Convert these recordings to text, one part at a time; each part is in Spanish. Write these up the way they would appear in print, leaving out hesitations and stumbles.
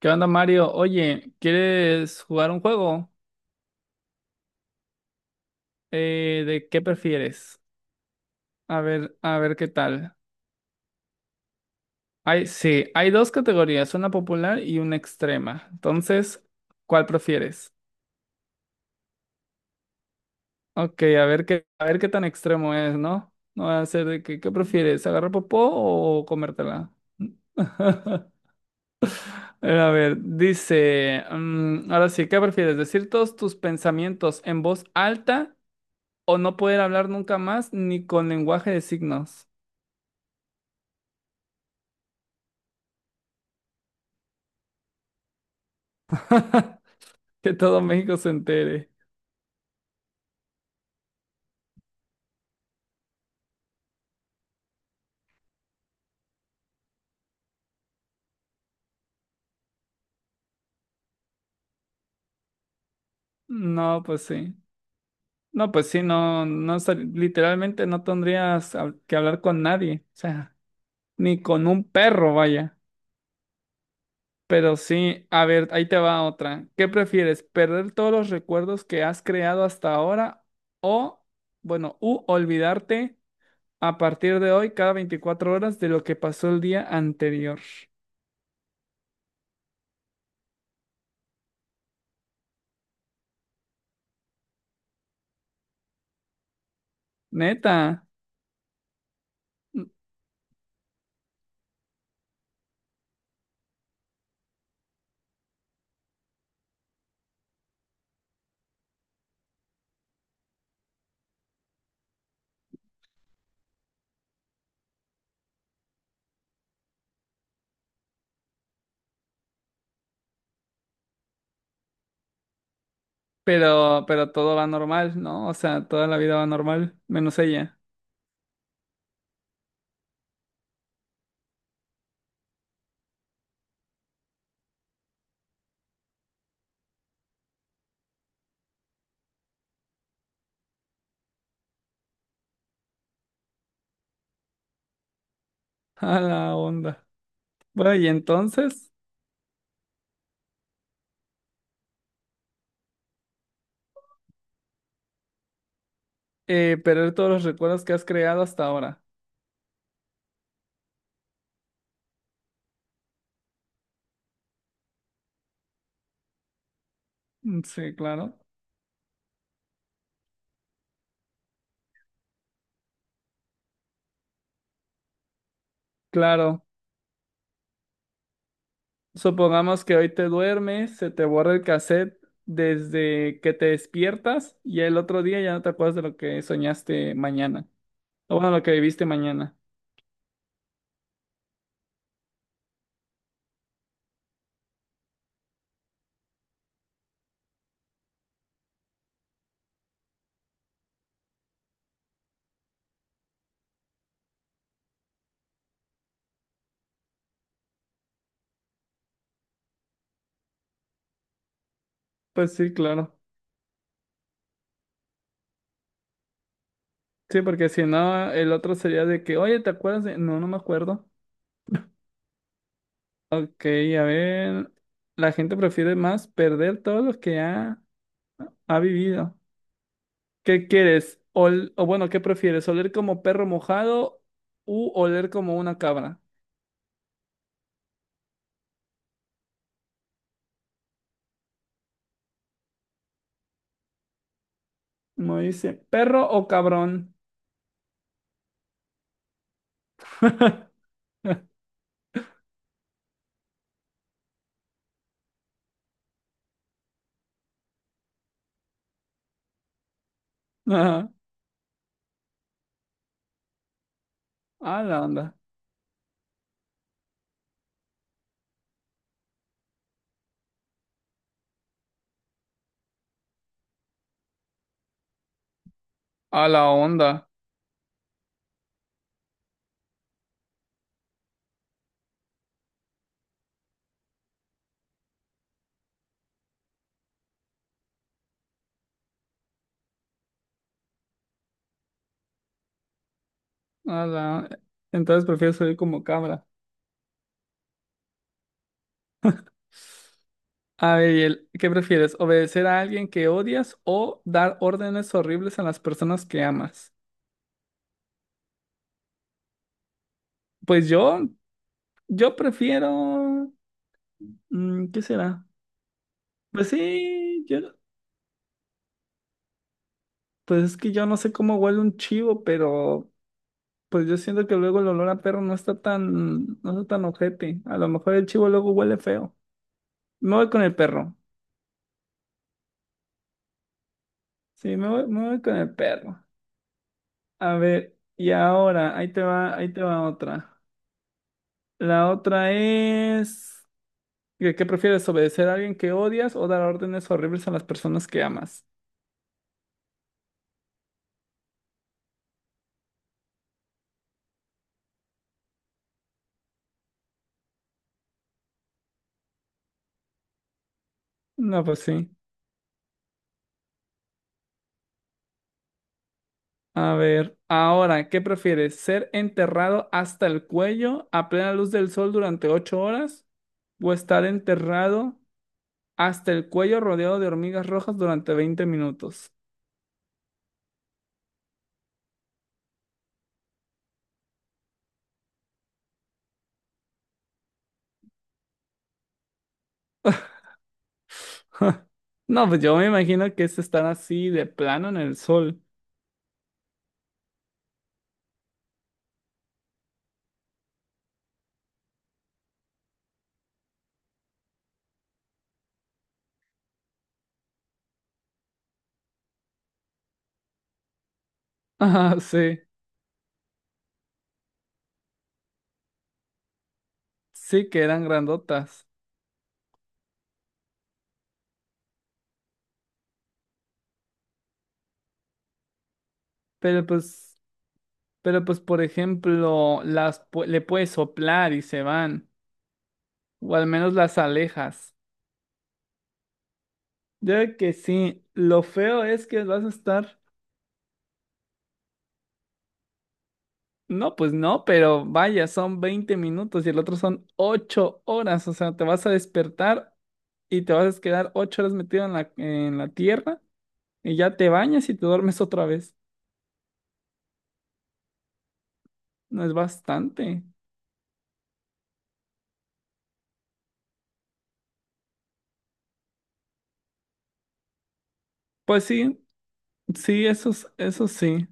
¿Qué onda, Mario? Oye, ¿quieres jugar un juego? ¿De qué prefieres? A ver qué tal. Hay, sí, hay dos categorías, una popular y una extrema. Entonces, ¿cuál prefieres? Ok, a ver qué tan extremo es, ¿no? No va a ser de que, ¿qué prefieres? ¿Agarrar popó o comértela? A ver, dice, ahora sí, ¿qué prefieres? ¿Decir todos tus pensamientos en voz alta o no poder hablar nunca más ni con lenguaje de signos? Que todo México se entere. No, pues sí. No, pues sí, no, no, literalmente no tendrías que hablar con nadie, o sea, ni con un perro, vaya. Pero sí, a ver, ahí te va otra. ¿Qué prefieres, perder todos los recuerdos que has creado hasta ahora o, bueno, u olvidarte a partir de hoy cada 24 horas de lo que pasó el día anterior? Neta. Pero todo va normal, ¿no? O sea, toda la vida va normal, menos ella. A la onda. Bueno, y entonces, perder todos los recuerdos que has creado hasta ahora. Mm, sí, claro. Claro. Supongamos que hoy te duermes, se te borra el cassette desde que te despiertas y el otro día ya no te acuerdas de lo que soñaste mañana. O bueno, lo que viviste mañana. Pues sí, claro. Sí, porque si no, el otro sería de que, oye, ¿te acuerdas de? No, no me acuerdo. Ok, a ver. La gente prefiere más perder todo lo que ha vivido. ¿Qué quieres? O bueno, ¿qué prefieres? ¿Oler como perro mojado u oler como una cabra? Me dice, ¿perro o cabrón? Ajá. A la onda. A la onda. A la... Entonces prefiero oler como cabra. A ver, y ¿qué prefieres? ¿Obedecer a alguien que odias o dar órdenes horribles a las personas que amas? Pues yo prefiero. ¿Qué será? Pues sí, yo. Pues es que yo no sé cómo huele un chivo, pero. Pues yo siento que luego el olor a perro no está tan ojete. A lo mejor el chivo luego huele feo. Me voy con el perro. Sí, me voy con el perro. A ver, y ahora, ahí te va otra. La otra es, ¿qué prefieres, obedecer a alguien que odias o dar órdenes horribles a las personas que amas? No, pues sí. A ver, ahora, ¿qué prefieres? ¿Ser enterrado hasta el cuello a plena luz del sol durante 8 horas? ¿O estar enterrado hasta el cuello rodeado de hormigas rojas durante 20 minutos? No, pues yo me imagino que es estar así de plano en el sol. Ah, sí, sí que eran grandotas. Pero pues, pero pues, por ejemplo, le puedes soplar y se van. O al menos las alejas. Yo creo que sí. Lo feo es que vas a estar. No, pues no, pero vaya, son 20 minutos y el otro son 8 horas. O sea, te vas a despertar y te vas a quedar 8 horas metido en la, tierra y ya te bañas y te duermes otra vez. No es bastante. Pues sí, sí, eso, eso sí.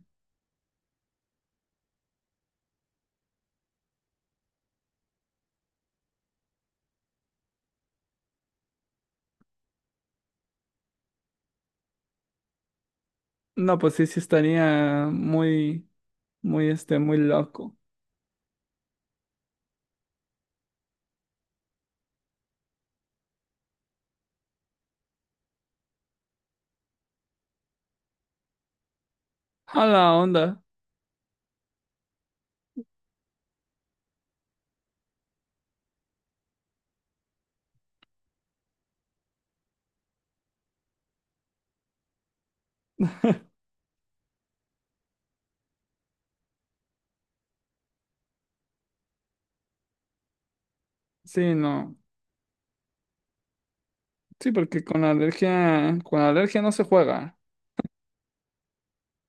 No, pues sí, sí estaría muy, muy, muy loco. A la onda. Sí, no. Sí, porque con la alergia no se juega.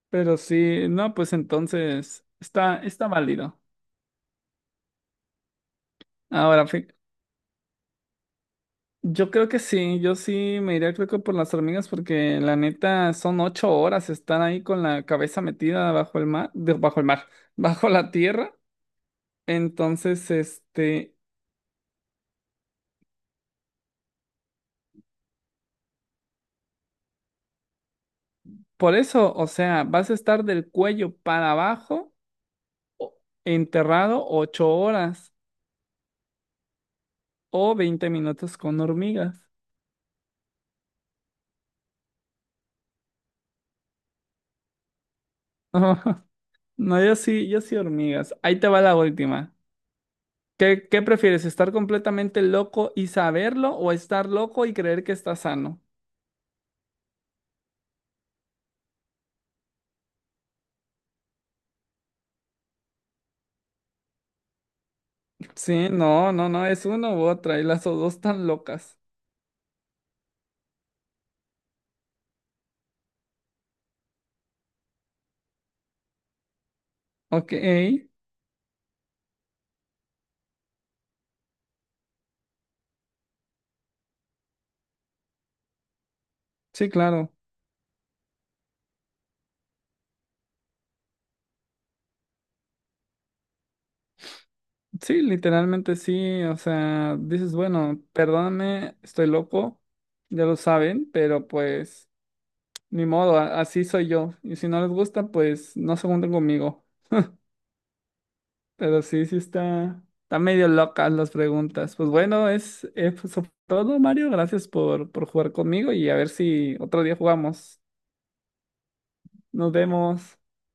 Pero sí, no, pues entonces está válido. Ahora, yo creo que sí, yo sí me iría creo que por las hormigas porque la neta son 8 horas estar ahí con la cabeza metida bajo el mar, bajo el mar, bajo la tierra. Entonces, por eso, o sea, vas a estar del cuello para abajo o- enterrado 8 horas o 20 minutos con hormigas. No, yo sí, yo sí hormigas. Ahí te va la última. ¿Qué prefieres? ¿Estar completamente loco y saberlo o estar loco y creer que está sano? Sí, no, no, no, es una u otra y las dos tan locas. Ok, sí, claro. Sí, literalmente sí, o sea, dices, bueno, perdóname, estoy loco, ya lo saben, pero pues ni modo, así soy yo. Y si no les gusta, pues no se junten conmigo. Pero sí, sí está medio locas las preguntas. Pues bueno, pues, sobre todo, Mario, gracias por jugar conmigo y a ver si otro día jugamos. Nos vemos.